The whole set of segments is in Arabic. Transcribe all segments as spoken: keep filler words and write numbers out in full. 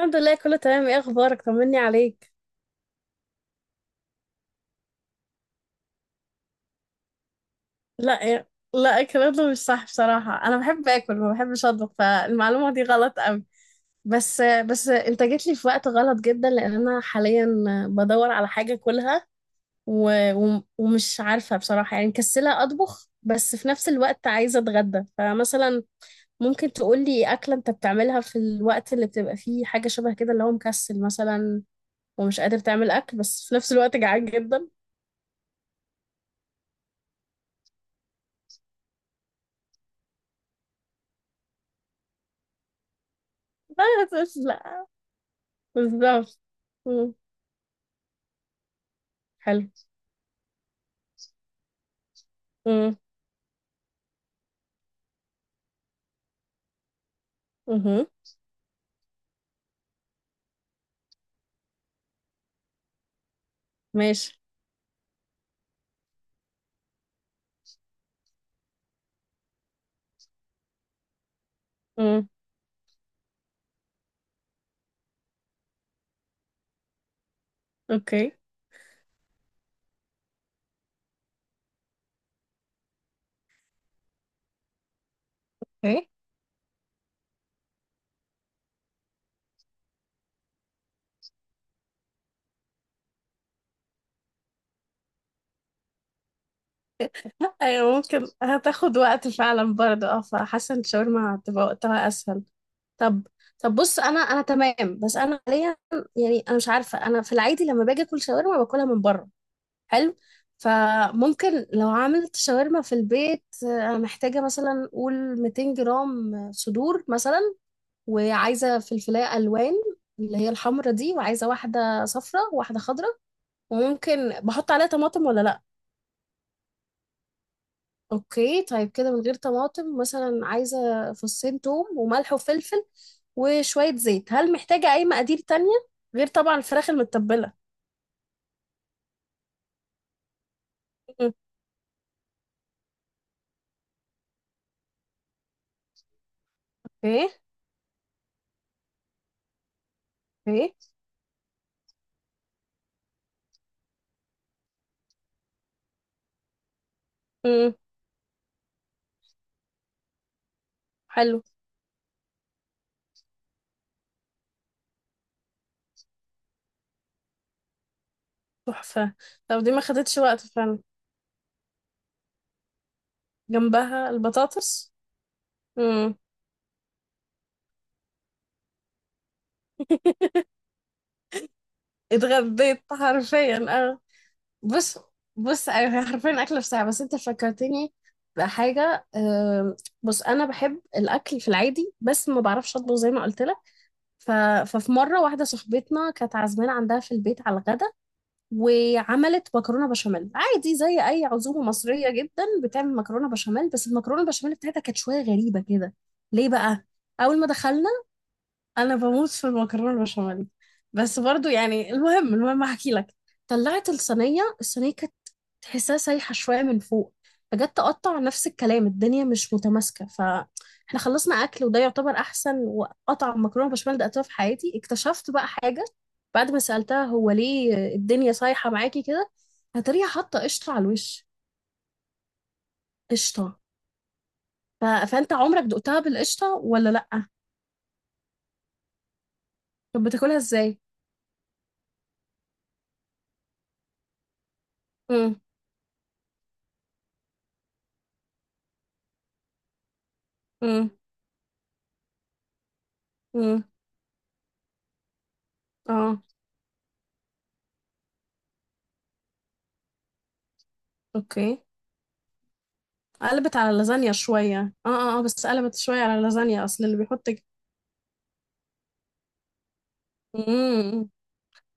الحمد لله، كله تمام. ايه اخبارك؟ طمني عليك. لا إيه. لا اكله مش صح، بصراحه انا بحب اكل ما بحبش اطبخ، فالمعلومه دي غلط قوي. بس بس انت جيت لي في وقت غلط جدا، لان انا حاليا بدور على حاجه اكلها. و... و... ومش عارفه بصراحه، يعني مكسله اطبخ بس في نفس الوقت عايزه اتغدى. فمثلا ممكن تقول لي اكله انت بتعملها في الوقت اللي بتبقى فيه حاجه شبه كده، اللي هو مكسل مثلا ومش قادر تعمل اكل بس في نفس الوقت جعان جدا. بالظبط. مم. حلو. مم. مهم. ماشي. مم. اوكي. اوكي ايوه، ممكن. هتاخد وقت فعلا برضه، اه، فحاسه ان الشاورما هتبقى وقتها اسهل. طب، طب بص، انا انا تمام بس انا حاليا يعني انا مش عارفه، انا في العادي لما باجي اكل شاورما باكلها من بره. حلو. فممكن لو عملت شاورما في البيت، آه، انا محتاجه مثلا قول 200 جرام صدور مثلا، وعايزة فلفلاية ألوان اللي هي الحمرة دي، وعايزة واحدة صفرة وواحدة خضرة. وممكن بحط عليها طماطم ولا لأ؟ أوكي طيب كده من غير طماطم. مثلا عايزة فصين توم وملح وفلفل وشوية زيت. هل محتاجة أي مقادير تانية غير طبعا الفراخ المتبلة؟ مم. إيه. إيه. مم. حلو. تحفة. طب دي ما خدتش وقت فعلا. جنبها البطاطس. مم. اتغديت حرفيا، اه. بص، بص ايوه، هي حرفيا اكله في ساعه. بس انت فكرتني بحاجه. أم، بص انا بحب الاكل في العادي بس ما بعرفش اطبخ زي ما قلت لك. ف... ففي مره واحده صاحبتنا كانت عازمانه عندها في البيت على الغدا، وعملت مكرونه بشاميل عادي، زي اي عزومه مصريه جدا بتعمل مكرونه بشاميل، بس المكرونه البشاميل بتاعتها كانت شويه غريبه كده. ليه بقى؟ اول ما دخلنا، انا بموت في المكرونه البشاميل، بس برضو يعني، المهم المهم احكي لك. طلعت الصينيه، الصينيه كانت تحسها سايحه شويه من فوق، فجت تقطع نفس الكلام، الدنيا مش متماسكه. فاحنا خلصنا اكل وده يعتبر احسن وقطع مكرونه بشاميل دقتها في حياتي. اكتشفت بقى حاجه بعد ما سالتها، هو ليه الدنيا صايحه معاكي كده؟ هتريها حاطه قشطه على الوش. قشطه. ف... فانت عمرك دقتها بالقشطه ولا لا؟ طب بتاكلها ازاي؟ امم امم. امم. اه. اوكي. قلبت على لازانيا شوية. اه اه، آه، بس قلبت شوية على لازانيا اصل اللي بيحط ج- مم.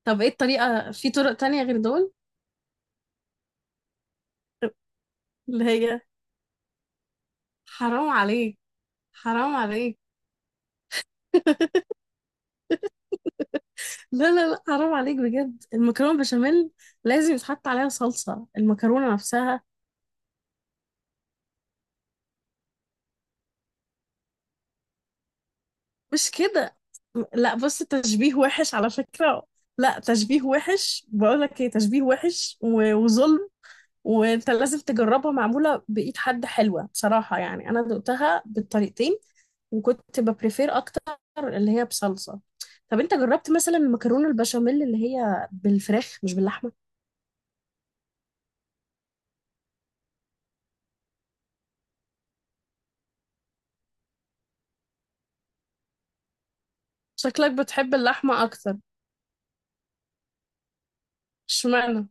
طب ايه الطريقة؟ في طرق تانية غير دول؟ اللي هي حرام عليك، حرام عليك. لا لا لا، حرام عليك بجد. المكرونة بشاميل لازم يتحط عليها صلصة المكرونة نفسها. مش كده. لا بص، تشبيه وحش على فكرة. لا تشبيه وحش، بقولك ايه، تشبيه وحش و- وظلم. وانت لازم تجربها معمولة بإيد حد، حلوة بصراحة. يعني أنا دقتها بالطريقتين، وكنت ببريفير أكتر اللي هي بصلصة. طب أنت جربت مثلا المكرونة البشاميل اللي هي بالفراخ مش باللحمة؟ شكلك بتحب اللحمة أكتر. اشمعنى؟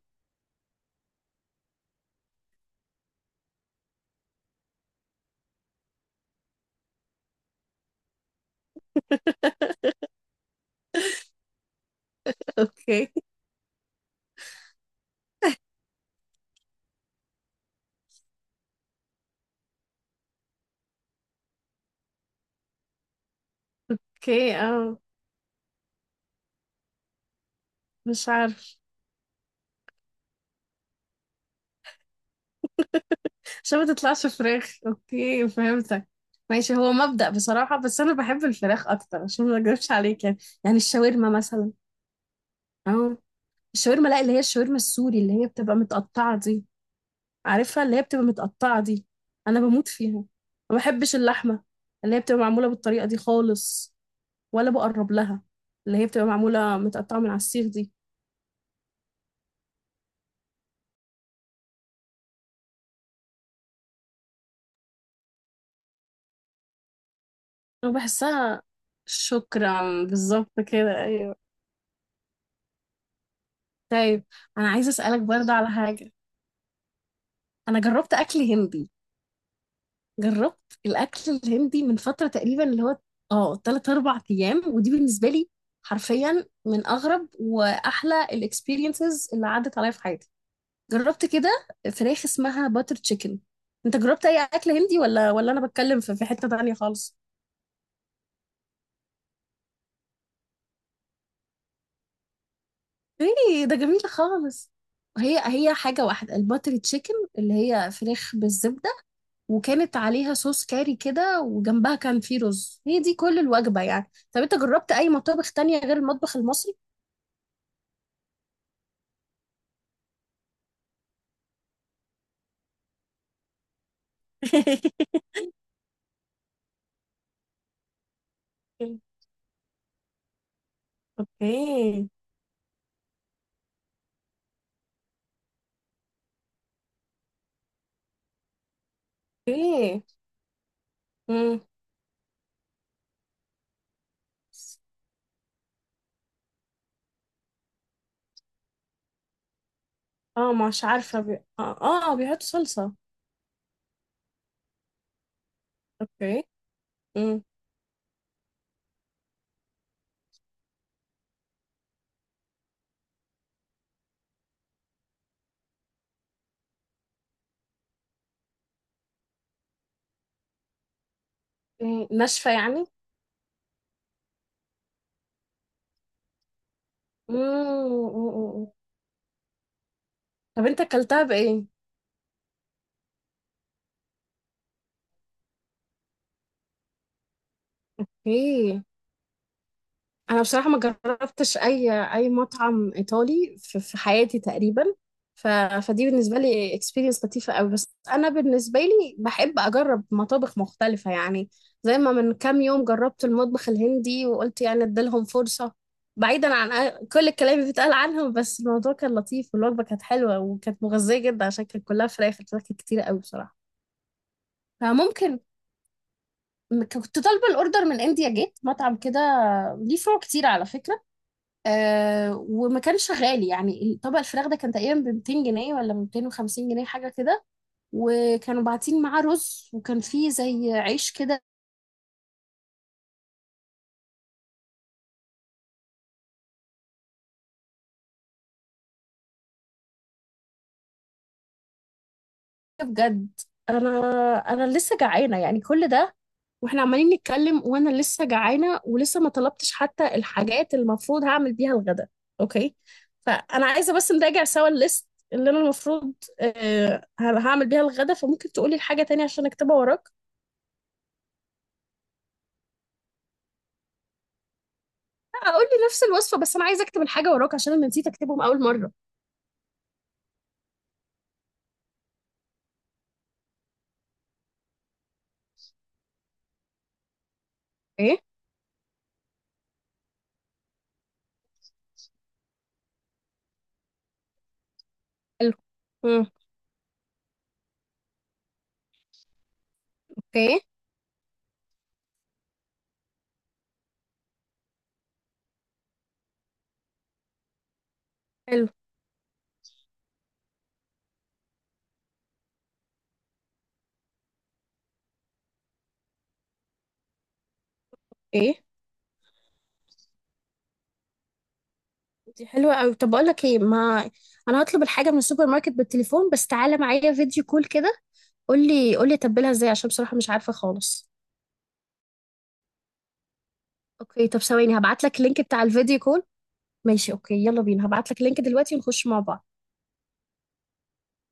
اوكي. اوكي. اه. مش عارف. عشان ما تطلعش فراخ. اوكي، فهمتك. ماشي، هو مبدأ بصراحة، بس انا بحب الفراخ اكتر عشان ما اكذبش عليك يعني. يعني الشاورما مثلا. اه، الشاورما. لا، اللي هي الشاورما السوري، اللي هي بتبقى متقطعة دي. عارفها، اللي هي بتبقى متقطعة دي. أنا بموت فيها. ما بحبش اللحمة اللي هي بتبقى معمولة بالطريقة دي خالص، ولا بقرب لها. اللي هي بتبقى معمولة متقطعة من على السيخ دي. أنا بحسها. شكرا، بالظبط كده، أيوه. طيب، أنا عايزة أسألك برضه على حاجة. أنا جربت أكل هندي، جربت الاكل الهندي من فتره تقريبا، اللي هو اه تلاتة أربعة ايام. ودي بالنسبه لي حرفيا من اغرب واحلى الاكسبيرينسز اللي عدت عليا في حياتي. جربت كده فراخ اسمها باتر تشيكن. انت جربت اي اكل هندي ولا، ولا انا بتكلم في في حته تانية خالص؟ ايه ده جميل خالص. هي هي حاجه واحده، الباتر تشيكن اللي هي فراخ بالزبده، وكانت عليها صوص كاري كده، وجنبها كان في رز. هي دي كل الوجبة يعني. طب انت جربت اي مطابخ تانية غير المطبخ المصري؟ اوكي. اوكي. امم. اه مش عارفة بي... اه اه، بيحطوا صلصة. اوكي. امم. إيه، ناشفة يعني. امم. طب انت اكلتها بايه؟ اوكي. انا بصراحه ما جربتش اي اي مطعم ايطالي في, في حياتي تقريبا. ف... فدي بالنسبه لي اكسبيرينس لطيفه قوي، بس انا بالنسبه لي بحب اجرب مطابخ مختلفه يعني. زي ما من كام يوم جربت المطبخ الهندي وقلت يعني اديلهم فرصه، بعيدا عن أ- كل الكلام اللي بيتقال عنهم. بس الموضوع كان لطيف والوجبه كانت حلوه وكانت مغذيه جدا عشان كانت كلها فراخ. الفراخ كانت كتير قوي بصراحه. فممكن، كنت طالبه الاوردر من انديا جيت، مطعم كده ليه فروع كتير على فكره، آه، وما كانش غالي يعني. طبق الفراخ ده كان تقريبا ب مئتين جنيه ولا ب مئتين وخمسين جنيه، حاجه كده. وكانوا باعتين معاه رز، وكان فيه زي عيش كده. بجد، انا انا لسه جعانه يعني. كل ده واحنا عمالين نتكلم وانا لسه جعانه، ولسه ما طلبتش حتى الحاجات اللي المفروض هعمل بيها الغدا. اوكي. فانا عايزه بس نراجع سوا الليست اللي انا المفروض آه هعمل بيها الغدا. فممكن تقولي الحاجه تانية عشان اكتبها وراك؟ اقول لي نفس الوصفه، بس انا عايزه اكتب الحاجه وراك عشان انا نسيت اكتبهم اول مره. ايه. حلو. امم. اوكي. حلو. ايه. دي حلوه قوي. طب اقول لك ايه، ما انا هطلب الحاجه من السوبر ماركت بالتليفون، بس تعالى معايا فيديو كول كده. قول لي قول لي اتبلها ازاي عشان بصراحه مش عارفه خالص. اوكي طب ثواني، هبعت لك اللينك بتاع الفيديو كول. ماشي، اوكي، يلا بينا. هبعت لك اللينك دلوقتي ونخش مع بعض.